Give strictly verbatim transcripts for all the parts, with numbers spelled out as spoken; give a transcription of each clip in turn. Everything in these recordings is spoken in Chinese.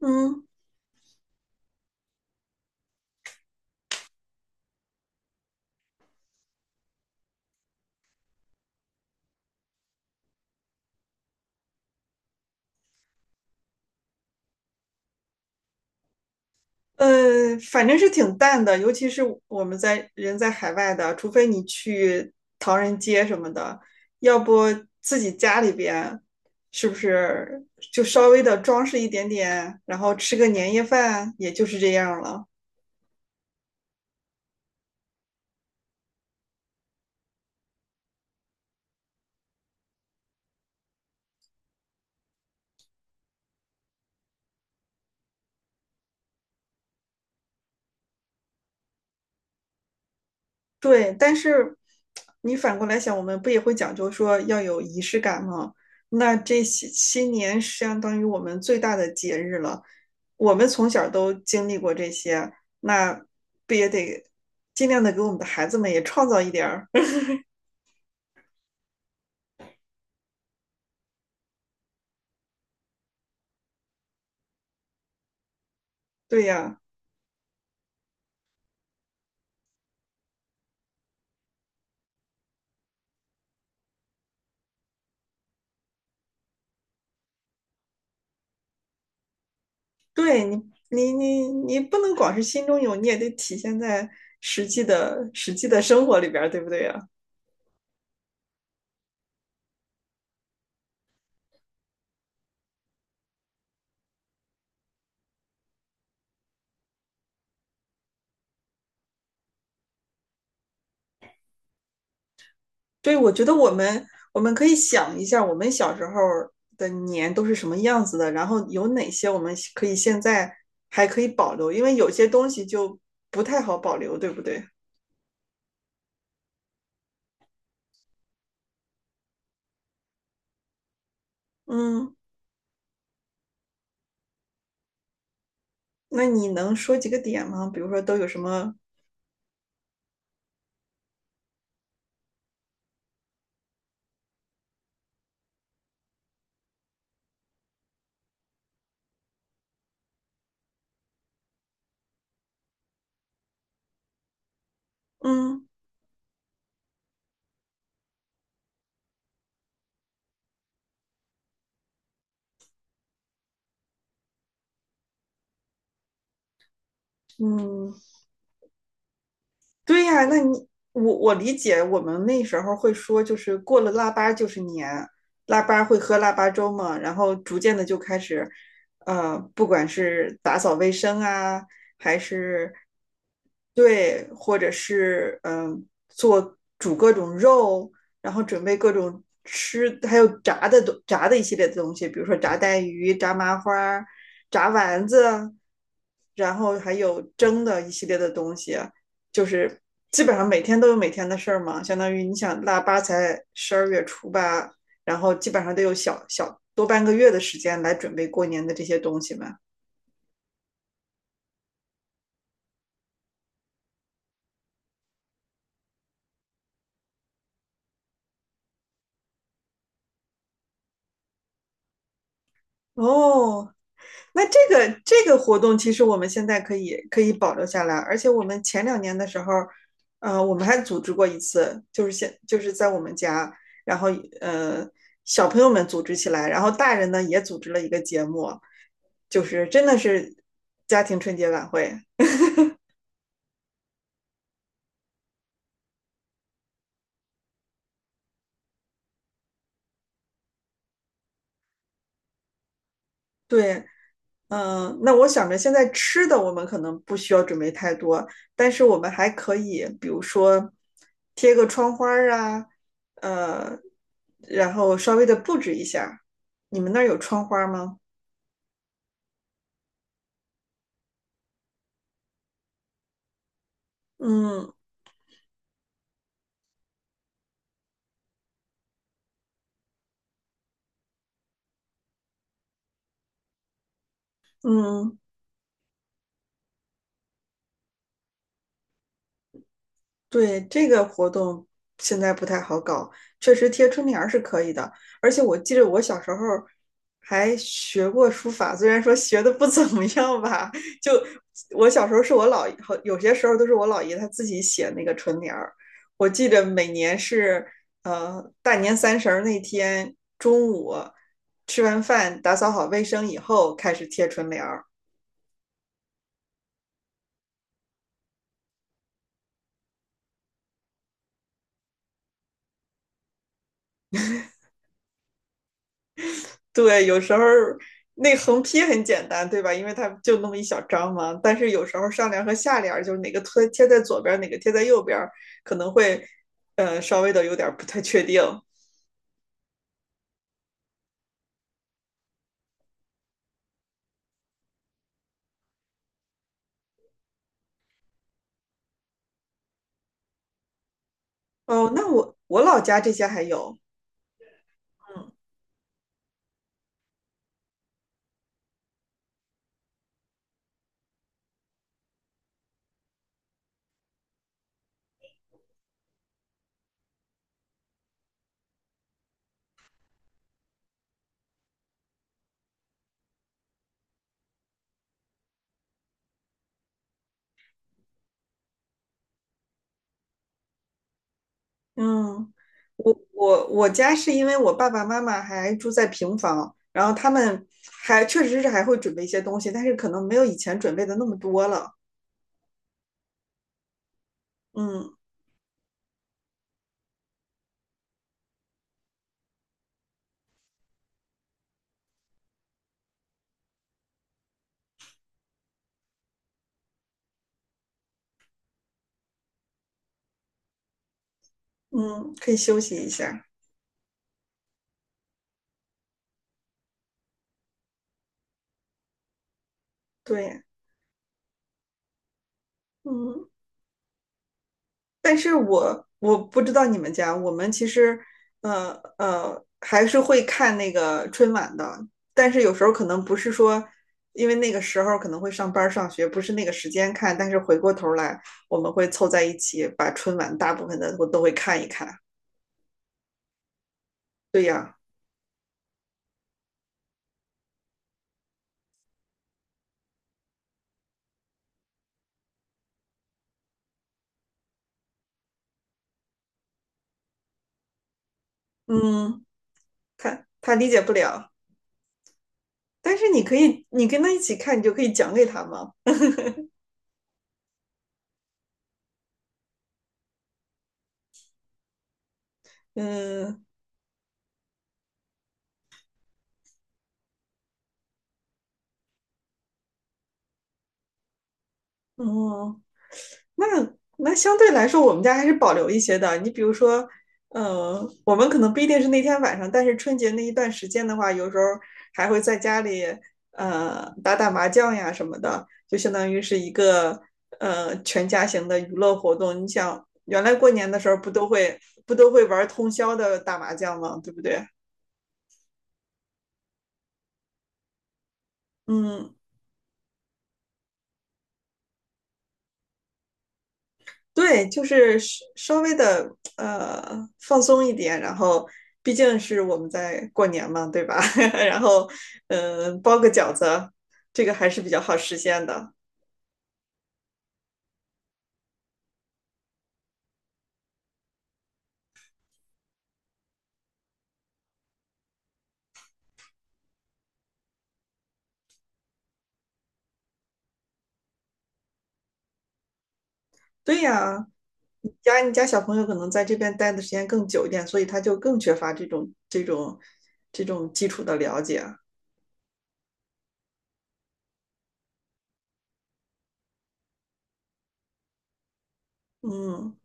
嗯，呃，反正是挺淡的，尤其是我们在人在海外的，除非你去唐人街什么的，要不自己家里边是不是就稍微的装饰一点点，然后吃个年夜饭，也就是这样了。对，但是你反过来想，我们不也会讲究说要有仪式感吗？那这些新年相当于我们最大的节日了，我们从小都经历过这些，那不也得尽量的给我们的孩子们也创造一点儿？对呀，对你，你你你不能光是心中有，你也得体现在实际的实际的生活里边儿，对不对呀？对，我觉得我们我们可以想一下，我们小时候的年都是什么样子的，然后有哪些我们可以现在还可以保留，因为有些东西就不太好保留，对不对？嗯，那你能说几个点吗？比如说都有什么？嗯嗯，对呀，啊那你我我理解，我们那时候会说，就是过了腊八就是年，腊八会喝腊八粥嘛，然后逐渐的就开始，呃，不管是打扫卫生啊，还是对，或者是嗯、做煮各种肉，然后准备各种吃，还有炸的东炸的一系列的东西，比如说炸带鱼、炸麻花炸丸子，然后还有蒸的一系列的东西。就是基本上每天都有每天的事儿嘛，相当于你想腊八才十二月初八，然后基本上都有小小多半个月的时间来准备过年的这些东西嘛。哦，那这个这个活动其实我们现在可以可以保留下来，而且我们前两年的时候，呃，我们还组织过一次，就是现就是在我们家，然后呃小朋友们组织起来，然后大人呢也组织了一个节目，就是真的是家庭春节晚会。对，嗯，那我想着现在吃的我们可能不需要准备太多，但是我们还可以，比如说贴个窗花儿啊，呃，然后稍微的布置一下。你们那儿有窗花吗？嗯嗯。对，这个活动现在不太好搞，确实贴春联儿是可以的。而且我记得我小时候还学过书法，虽然说学的不怎么样吧，就我小时候是我姥爷，好有些时候都是我姥爷他自己写那个春联儿。我记得每年是呃大年三十儿那天中午吃完饭，打扫好卫生以后开始贴春联儿。对，有时候那横批很简单，对吧？因为它就那么一小张嘛。但是有时候上联和下联就是哪个贴贴在左边哪个贴在右边可能会呃稍微的有点不太确定。哦，那我我老家这些还有，嗯嗯，我我我家是因为我爸爸妈妈还住在平房，然后他们还确实是还会准备一些东西，但是可能没有以前准备的那么多了。嗯嗯，可以休息一下。对，嗯。但是我我不知道你们家，我们其实呃呃还是会看那个春晚的，但是有时候可能不是说，因为那个时候可能会上班上学，不是那个时间看，但是回过头来我们会凑在一起，把春晚大部分的我都会看一看。对呀，嗯，他他理解不了，但是你可以，你跟他一起看，你就可以讲给他嘛。嗯嗯，那那相对来说，我们家还是保留一些的。你比如说，呃，我们可能不一定是那天晚上，但是春节那一段时间的话，有时候还会在家里呃打打麻将呀什么的，就相当于是一个呃全家型的娱乐活动。你想，原来过年的时候不都会不都会玩通宵的打麻将吗？对不对？嗯，对，就是稍微的呃放松一点，然后毕竟是我们在过年嘛，对吧？然后嗯、呃包个饺子，这个还是比较好实现的。对呀，你家你家小朋友可能在这边待的时间更久一点，所以他就更缺乏这种这种这种基础的了解。嗯。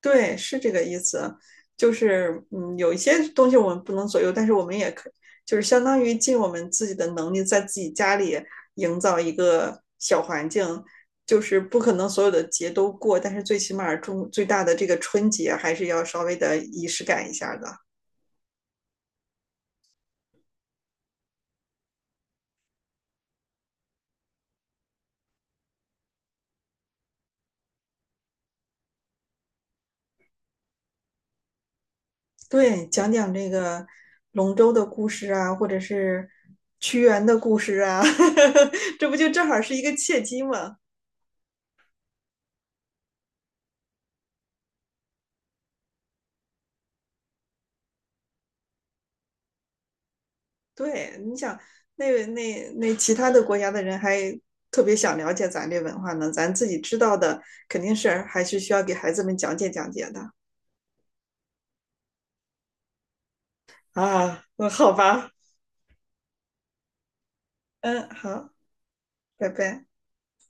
对，是这个意思，就是嗯，有一些东西我们不能左右，但是我们也可，就是相当于尽我们自己的能力，在自己家里营造一个小环境，就是不可能所有的节都过，但是最起码中最大的这个春节还是要稍微的仪式感一下的。对，讲讲这个龙舟的故事啊，或者是屈原的故事啊，这不就正好是一个契机吗？对，你想，那那那其他的国家的人还特别想了解咱这文化呢，咱自己知道的肯定是还是需要给孩子们讲解讲解的啊。那好吧，嗯，好，拜拜。